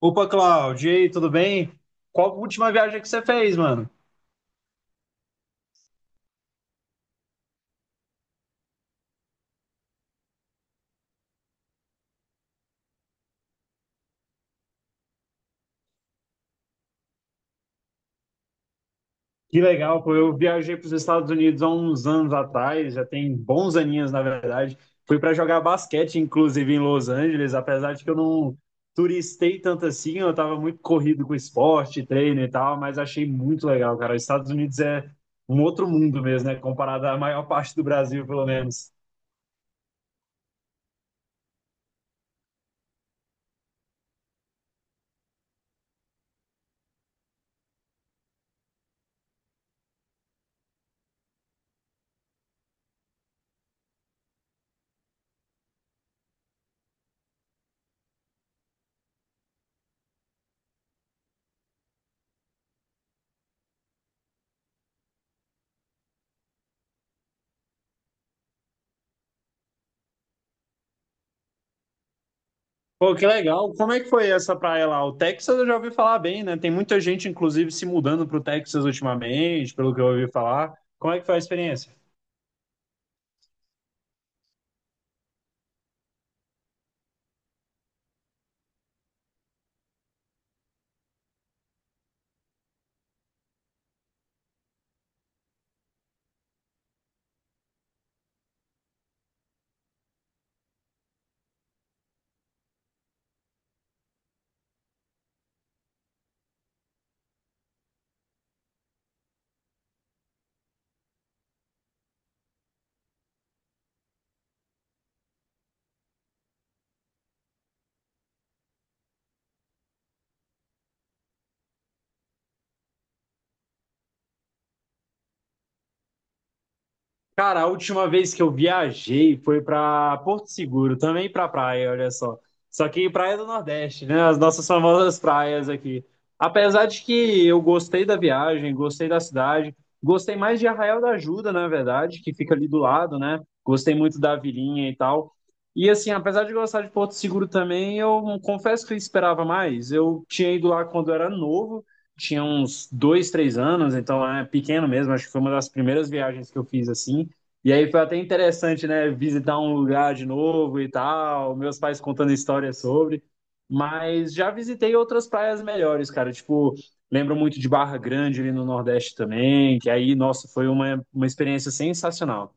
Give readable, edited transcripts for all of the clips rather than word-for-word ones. Opa, Cláudio, e aí, tudo bem? Qual a última viagem que você fez, mano? Que legal, pô. Eu viajei para os Estados Unidos há uns anos atrás, já tem bons aninhos, na verdade. Fui para jogar basquete, inclusive, em Los Angeles, apesar de que eu não. Turistei tanto assim, eu estava muito corrido com esporte, treino e tal, mas achei muito legal, cara. Os Estados Unidos é um outro mundo mesmo, né? Comparado à maior parte do Brasil, pelo menos. Pô, que legal. Como é que foi essa praia lá? O Texas eu já ouvi falar bem, né? Tem muita gente, inclusive, se mudando para o Texas ultimamente, pelo que eu ouvi falar. Como é que foi a experiência? Cara, a última vez que eu viajei foi pra Porto Seguro, também pra praia, olha só. Só que praia do Nordeste, né? As nossas famosas praias aqui. Apesar de que eu gostei da viagem, gostei da cidade, gostei mais de Arraial da Ajuda, na verdade, que fica ali do lado, né? Gostei muito da vilinha e tal. E assim, apesar de gostar de Porto Seguro também, eu confesso que eu esperava mais. Eu tinha ido lá quando era novo, tinha uns dois, três anos, então é pequeno mesmo. Acho que foi uma das primeiras viagens que eu fiz assim. E aí foi até interessante, né, visitar um lugar de novo e tal, meus pais contando histórias sobre, mas já visitei outras praias melhores, cara, tipo, lembro muito de Barra Grande ali no Nordeste também, que aí, nossa, foi uma experiência sensacional.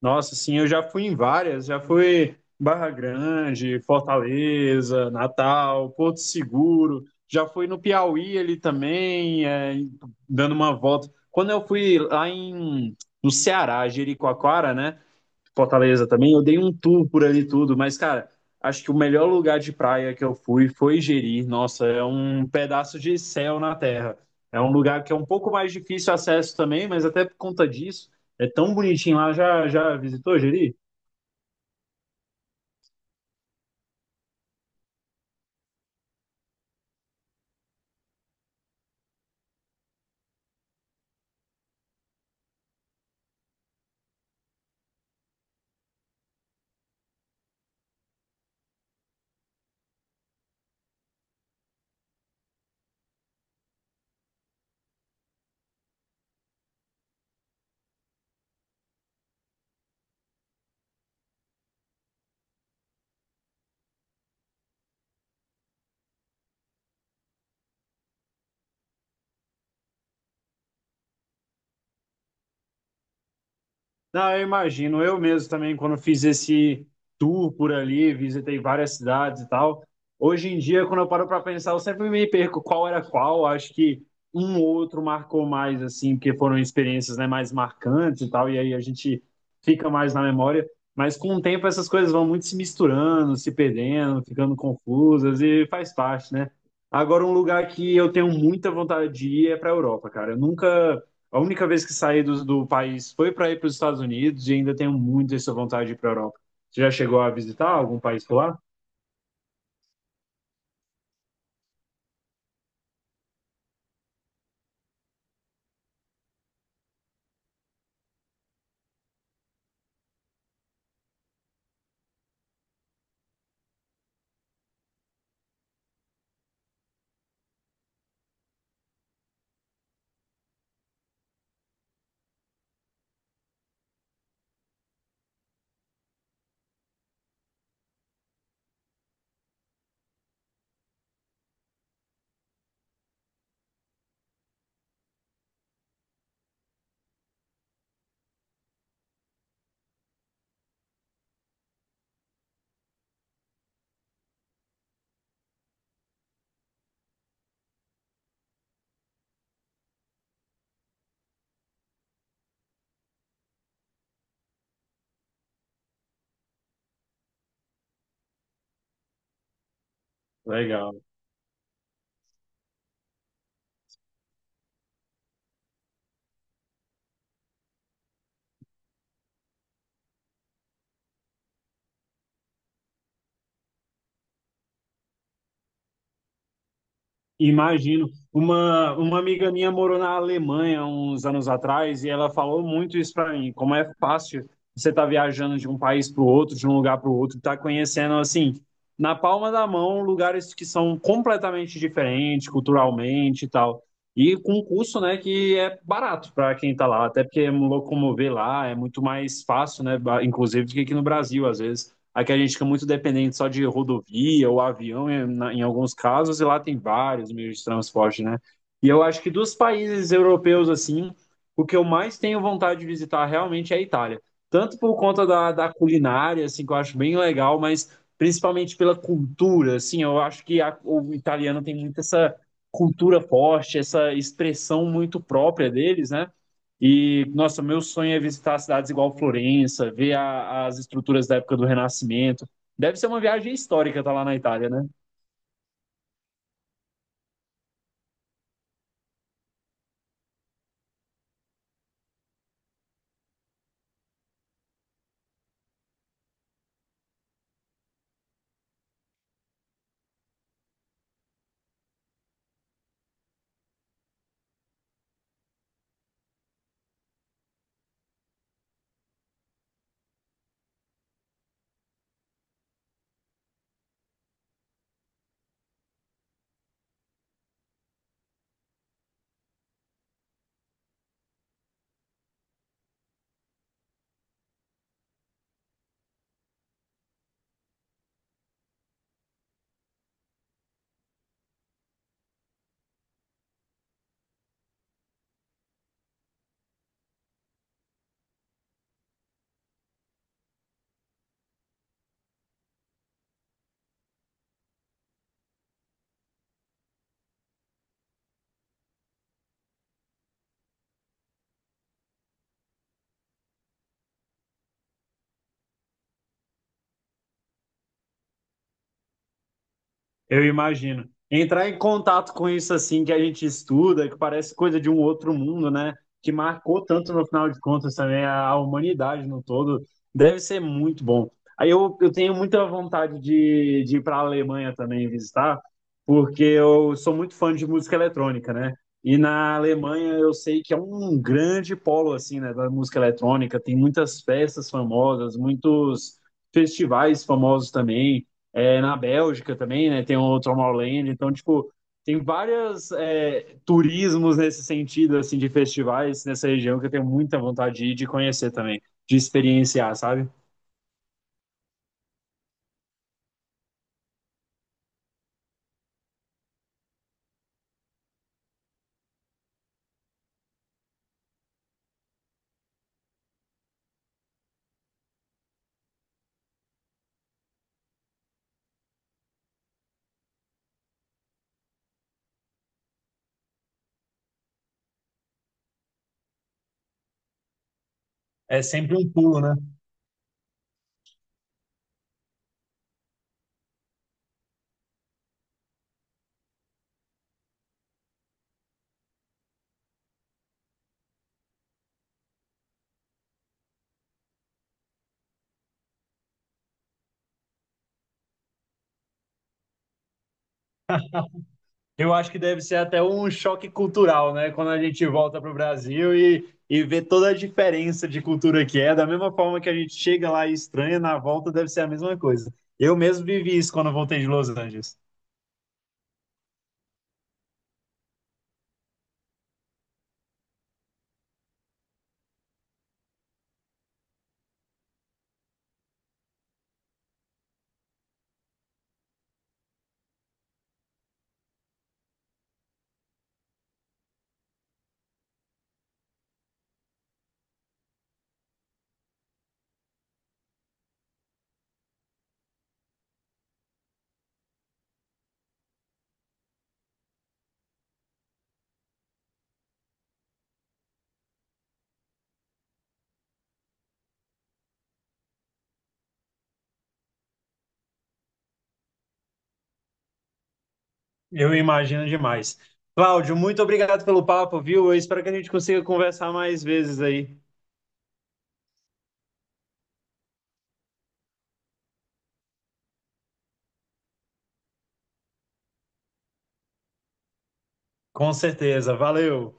Nossa, sim, eu já fui em várias, já fui Barra Grande, Fortaleza, Natal, Porto Seguro, já fui no Piauí ali também, é, dando uma volta. Quando eu fui lá em, no Ceará, Jericoacoara, né? Fortaleza também. Eu dei um tour por ali tudo, mas, cara, acho que o melhor lugar de praia que eu fui foi Jeri. Nossa, é um pedaço de céu na terra. É um lugar que é um pouco mais difícil acesso também, mas até por conta disso, é tão bonitinho lá. Já, já visitou Jeri? Não, eu imagino. Eu mesmo também, quando fiz esse tour por ali, visitei várias cidades e tal. Hoje em dia, quando eu paro para pensar, eu sempre me perco qual era qual. Acho que um ou outro marcou mais, assim, porque foram experiências, né, mais marcantes e tal. E aí a gente fica mais na memória. Mas com o tempo, essas coisas vão muito se misturando, se perdendo, ficando confusas e faz parte, né? Agora, um lugar que eu tenho muita vontade de ir é para a Europa, cara. Eu nunca. A única vez que saí do país foi para ir para os Estados Unidos e ainda tenho muito essa vontade de ir para a Europa. Você já chegou a visitar algum país por lá? Legal. Imagino. Uma amiga minha morou na Alemanha uns anos atrás e ela falou muito isso para mim, como é fácil você estar viajando de um país para o outro, de um lugar para o outro, estar conhecendo assim, na palma da mão, lugares que são completamente diferentes culturalmente e tal. E com um custo, né, que é barato para quem está lá, até porque locomover lá é muito mais fácil, né, inclusive do que aqui no Brasil às vezes. Aqui a gente fica muito dependente só de rodovia ou avião em alguns casos, e lá tem vários meios de transporte, né? E eu acho que dos países europeus, assim, o que eu mais tenho vontade de visitar realmente é a Itália. Tanto por conta da culinária, assim, que eu acho bem legal, mas principalmente pela cultura, assim, eu acho que o italiano tem muito essa cultura forte, essa expressão muito própria deles, né? E, nossa, meu sonho é visitar cidades igual Florença, ver as estruturas da época do Renascimento. Deve ser uma viagem histórica estar lá na Itália, né? Eu imagino. Entrar em contato com isso assim que a gente estuda, que parece coisa de um outro mundo, né? Que marcou tanto no final de contas também a humanidade no todo, deve ser muito bom. Aí eu tenho muita vontade de ir para a Alemanha também visitar, porque eu sou muito fã de música eletrônica, né? E na Alemanha eu sei que é um grande polo assim, né, da música eletrônica, tem muitas festas famosas, muitos festivais famosos também na Bélgica também, né? Tem o Tomorrowland, então, tipo, tem vários turismos nesse sentido, assim, de festivais nessa região que eu tenho muita vontade de ir, de conhecer também, de experienciar, sabe? É sempre um pulo, né? Eu acho que deve ser até um choque cultural, né? Quando a gente volta para o Brasil e vê toda a diferença de cultura que é, da mesma forma que a gente chega lá e estranha, na volta deve ser a mesma coisa. Eu mesmo vivi isso quando eu voltei de Los Angeles. Eu imagino demais. Cláudio, muito obrigado pelo papo, viu? Eu espero que a gente consiga conversar mais vezes aí. Com certeza. Valeu.